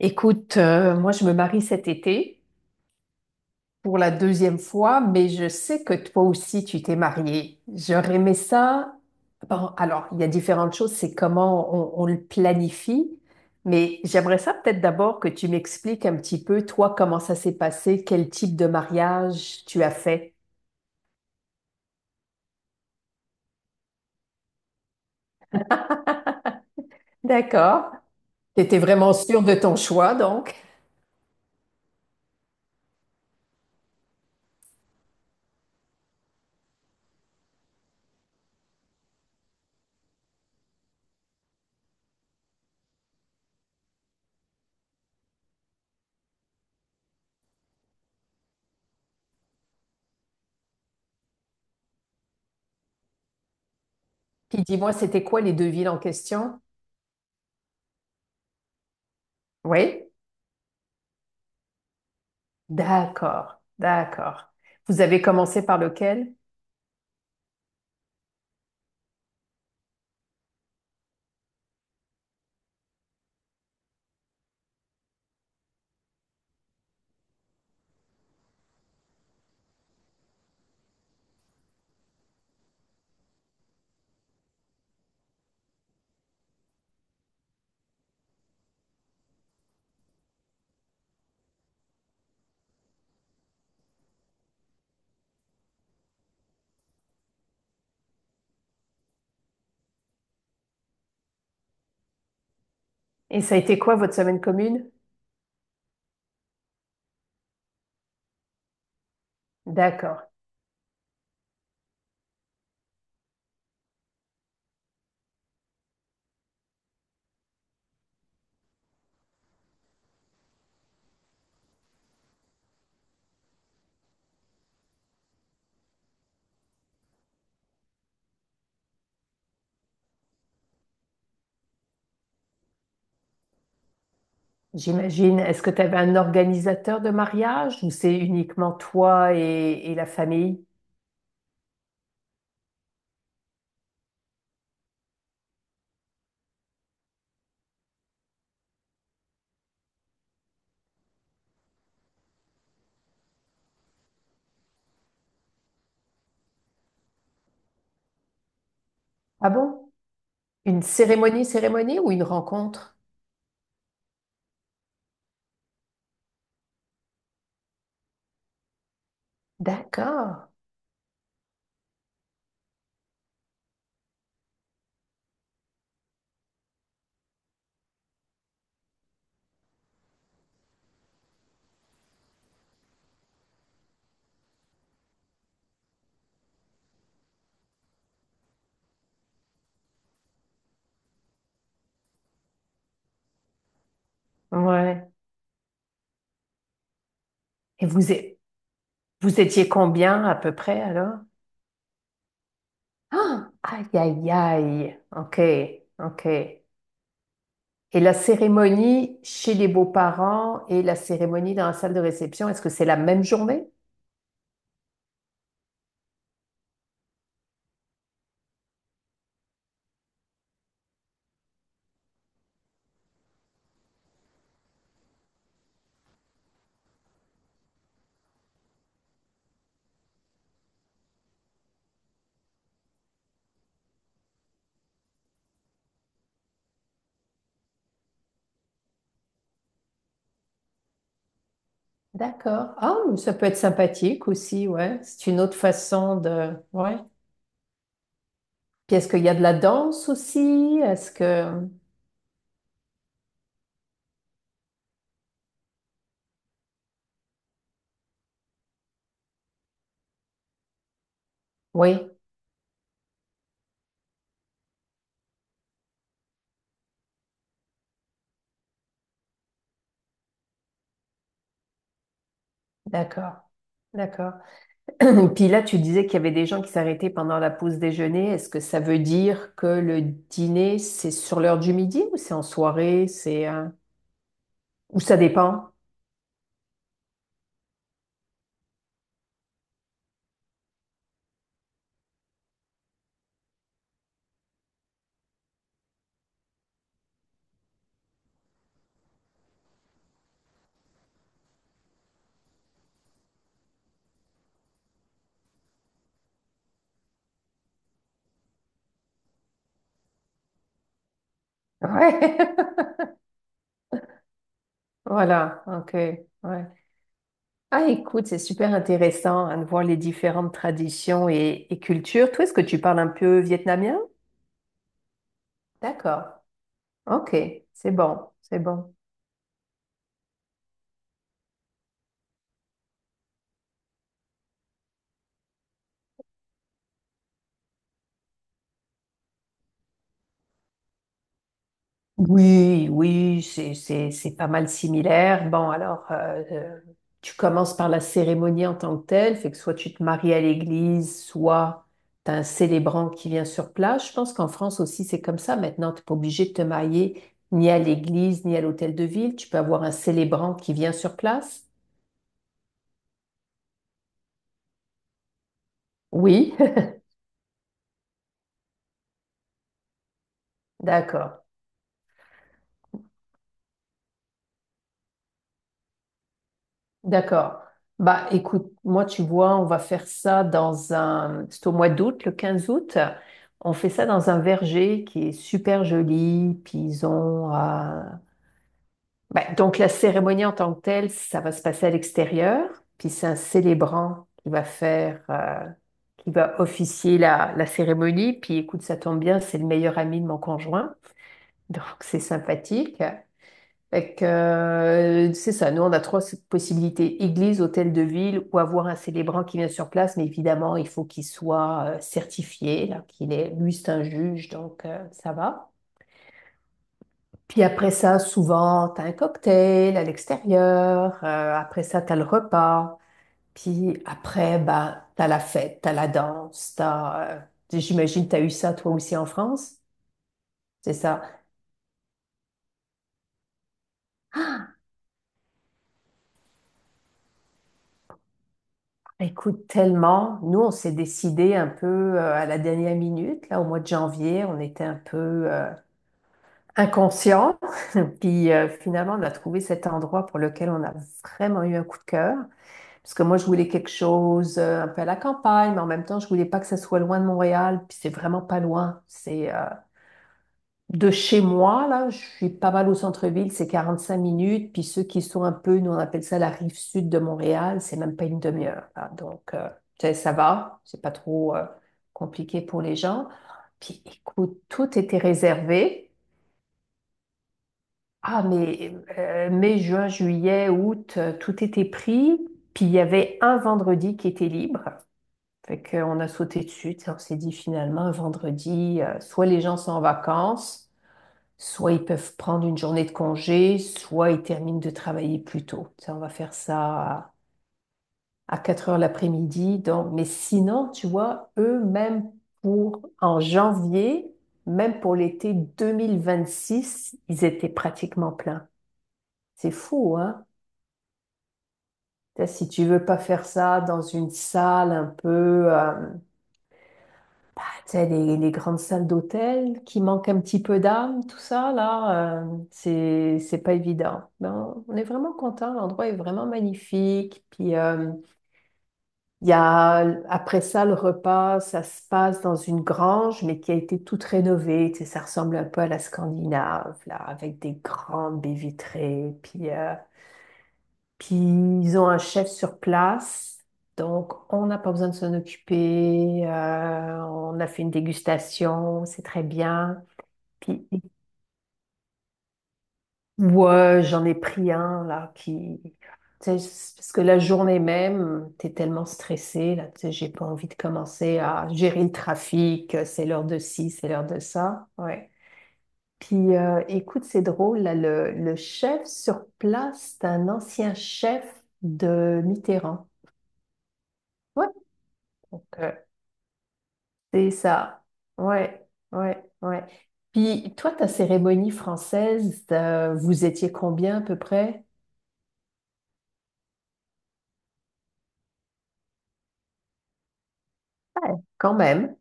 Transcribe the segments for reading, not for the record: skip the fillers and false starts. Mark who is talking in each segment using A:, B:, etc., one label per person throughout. A: Écoute, moi je me marie cet été pour la deuxième fois, mais je sais que toi aussi tu t'es mariée. J'aurais aimé ça. Bon, alors, il y a différentes choses, c'est comment on le planifie, mais j'aimerais ça peut-être d'abord que tu m'expliques un petit peu, toi, comment ça s'est passé, quel type de mariage tu as fait. D'accord. T'étais vraiment sûre de ton choix, donc. Puis dis-moi, c'était quoi les deux villes en question? Oui? D'accord, d'accord. Vous avez commencé par lequel? Et ça a été quoi votre semaine commune? D'accord. J'imagine, est-ce que tu avais un organisateur de mariage ou c'est uniquement toi et la famille? Ah bon? Une cérémonie, cérémonie ou une rencontre? D'accord. Ouais. Et vous, é- Vous étiez combien à peu près alors? Ah, aïe, aïe, aïe. OK, OK. Et la cérémonie chez les beaux-parents et la cérémonie dans la salle de réception, est-ce que c'est la même journée? D'accord. Ah, mais ça peut être sympathique aussi, ouais. C'est une autre façon de... Ouais. Puis est-ce qu'il y a de la danse aussi? Est-ce que... Oui, d'accord. D'accord. Puis là, tu disais qu'il y avait des gens qui s'arrêtaient pendant la pause déjeuner. Est-ce que ça veut dire que le dîner, c'est sur l'heure du midi ou c'est en soirée? Ou ça dépend? Ouais. Voilà, ok. Ouais. Ah, écoute, c'est super intéressant hein, de voir les différentes traditions et cultures. Toi, est-ce que tu parles un peu vietnamien? D'accord. Ok. C'est bon. C'est bon. Oui, oui, c'est pas mal similaire. Bon, alors, tu commences par la cérémonie en tant que telle, fait que soit tu te maries à l'église, soit t'as un célébrant qui vient sur place. Je pense qu'en France aussi, c'est comme ça. Maintenant, t'es pas obligé de te marier ni à l'église, ni à l'hôtel de ville. Tu peux avoir un célébrant qui vient sur place. Oui, d'accord. D'accord. Bah, écoute, moi, tu vois, on va faire ça dans un... C'est au mois d'août, le 15 août. On fait ça dans un verger qui est super joli. Puis ils ont... bah, donc, la cérémonie en tant que telle, ça va se passer à l'extérieur. Puis c'est un célébrant qui va faire... qui va officier la cérémonie. Puis écoute, ça tombe bien, c'est le meilleur ami de mon conjoint. Donc, c'est sympathique. Fait que, c'est ça, nous on a trois possibilités, église, hôtel de ville ou avoir un célébrant qui vient sur place, mais évidemment il faut qu'il soit certifié, là, qu'il est, lui c'est un juge, donc ça va. Puis après ça, souvent, t'as un cocktail à l'extérieur, après ça, t'as le repas, puis après, bah, t'as la fête, t'as la danse, j'imagine t'as eu ça toi aussi en France, c'est ça? Écoute, tellement. Nous, on s'est décidé un peu à la dernière minute. Là, au mois de janvier, on était un peu euh, inconscients. Puis finalement, on a trouvé cet endroit pour lequel on a vraiment eu un coup de cœur. Parce que moi, je voulais quelque chose un peu à la campagne, mais en même temps, je voulais pas que ça soit loin de Montréal. Puis c'est vraiment pas loin. C'est de chez moi, là, je suis pas mal au centre-ville, c'est 45 minutes. Puis ceux qui sont un peu, nous on appelle ça la rive sud de Montréal, c'est même pas une demi-heure. Là. Donc, tu sais, ça va, c'est pas trop compliqué pour les gens. Puis écoute, tout était réservé. Ah, mais mai, juin, juillet, août, tout était pris. Puis il y avait un vendredi qui était libre. Fait qu'on a sauté dessus. Tu sais, On s'est dit finalement, un vendredi, soit les gens sont en vacances. Soit ils peuvent prendre une journée de congé, soit ils terminent de travailler plus tôt. Ça, on va faire ça à 4 heures l'après-midi. Donc, mais sinon, tu vois, eux, même pour en janvier, même pour l'été 2026, ils étaient pratiquement pleins. C'est fou, hein? Si tu veux pas faire ça dans une salle un peu, c'est les grandes salles d'hôtel qui manquent un petit peu d'âme, tout ça, là, c'est pas évident. Mais on est vraiment content, l'endroit est vraiment magnifique. Puis, il y a, après ça, le repas, ça se passe dans une grange, mais qui a été toute rénovée. Tu sais, ça ressemble un peu à la Scandinave, là, avec des grandes baies vitrées. Puis, puis ils ont un chef sur place, donc on n'a pas besoin de s'en occuper. On a fait une dégustation, c'est très bien. Puis ouais, j'en ai pris un là qui, tu sais, c'est parce que la journée même, t'es tellement stressé là, tu sais, j'ai pas envie de commencer à gérer le trafic. C'est l'heure de ci, c'est l'heure de ça. Ouais. Puis écoute, c'est drôle là, le chef sur place, c'est un ancien chef de Mitterrand. Ouais. Donc, c'est ça. Ouais, ouais, ouais. Puis toi, ta cérémonie française, vous étiez combien à peu près? Quand même.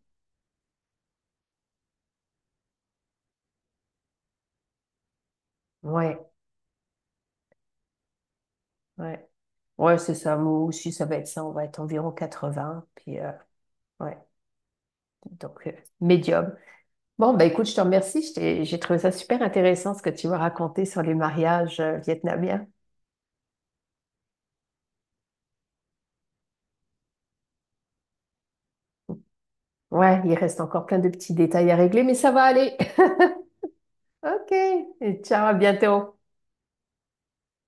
A: Ouais, ouais. Ouais, c'est ça. Moi aussi, ça va être ça. On va être environ 80. Puis, ouais, donc, médium. Bon, ben écoute, je te remercie. J'ai trouvé ça super intéressant ce que tu m'as raconté sur les mariages vietnamiens. Ouais, il reste encore plein de petits détails à régler, mais ça va aller. OK. Et ciao, à bientôt.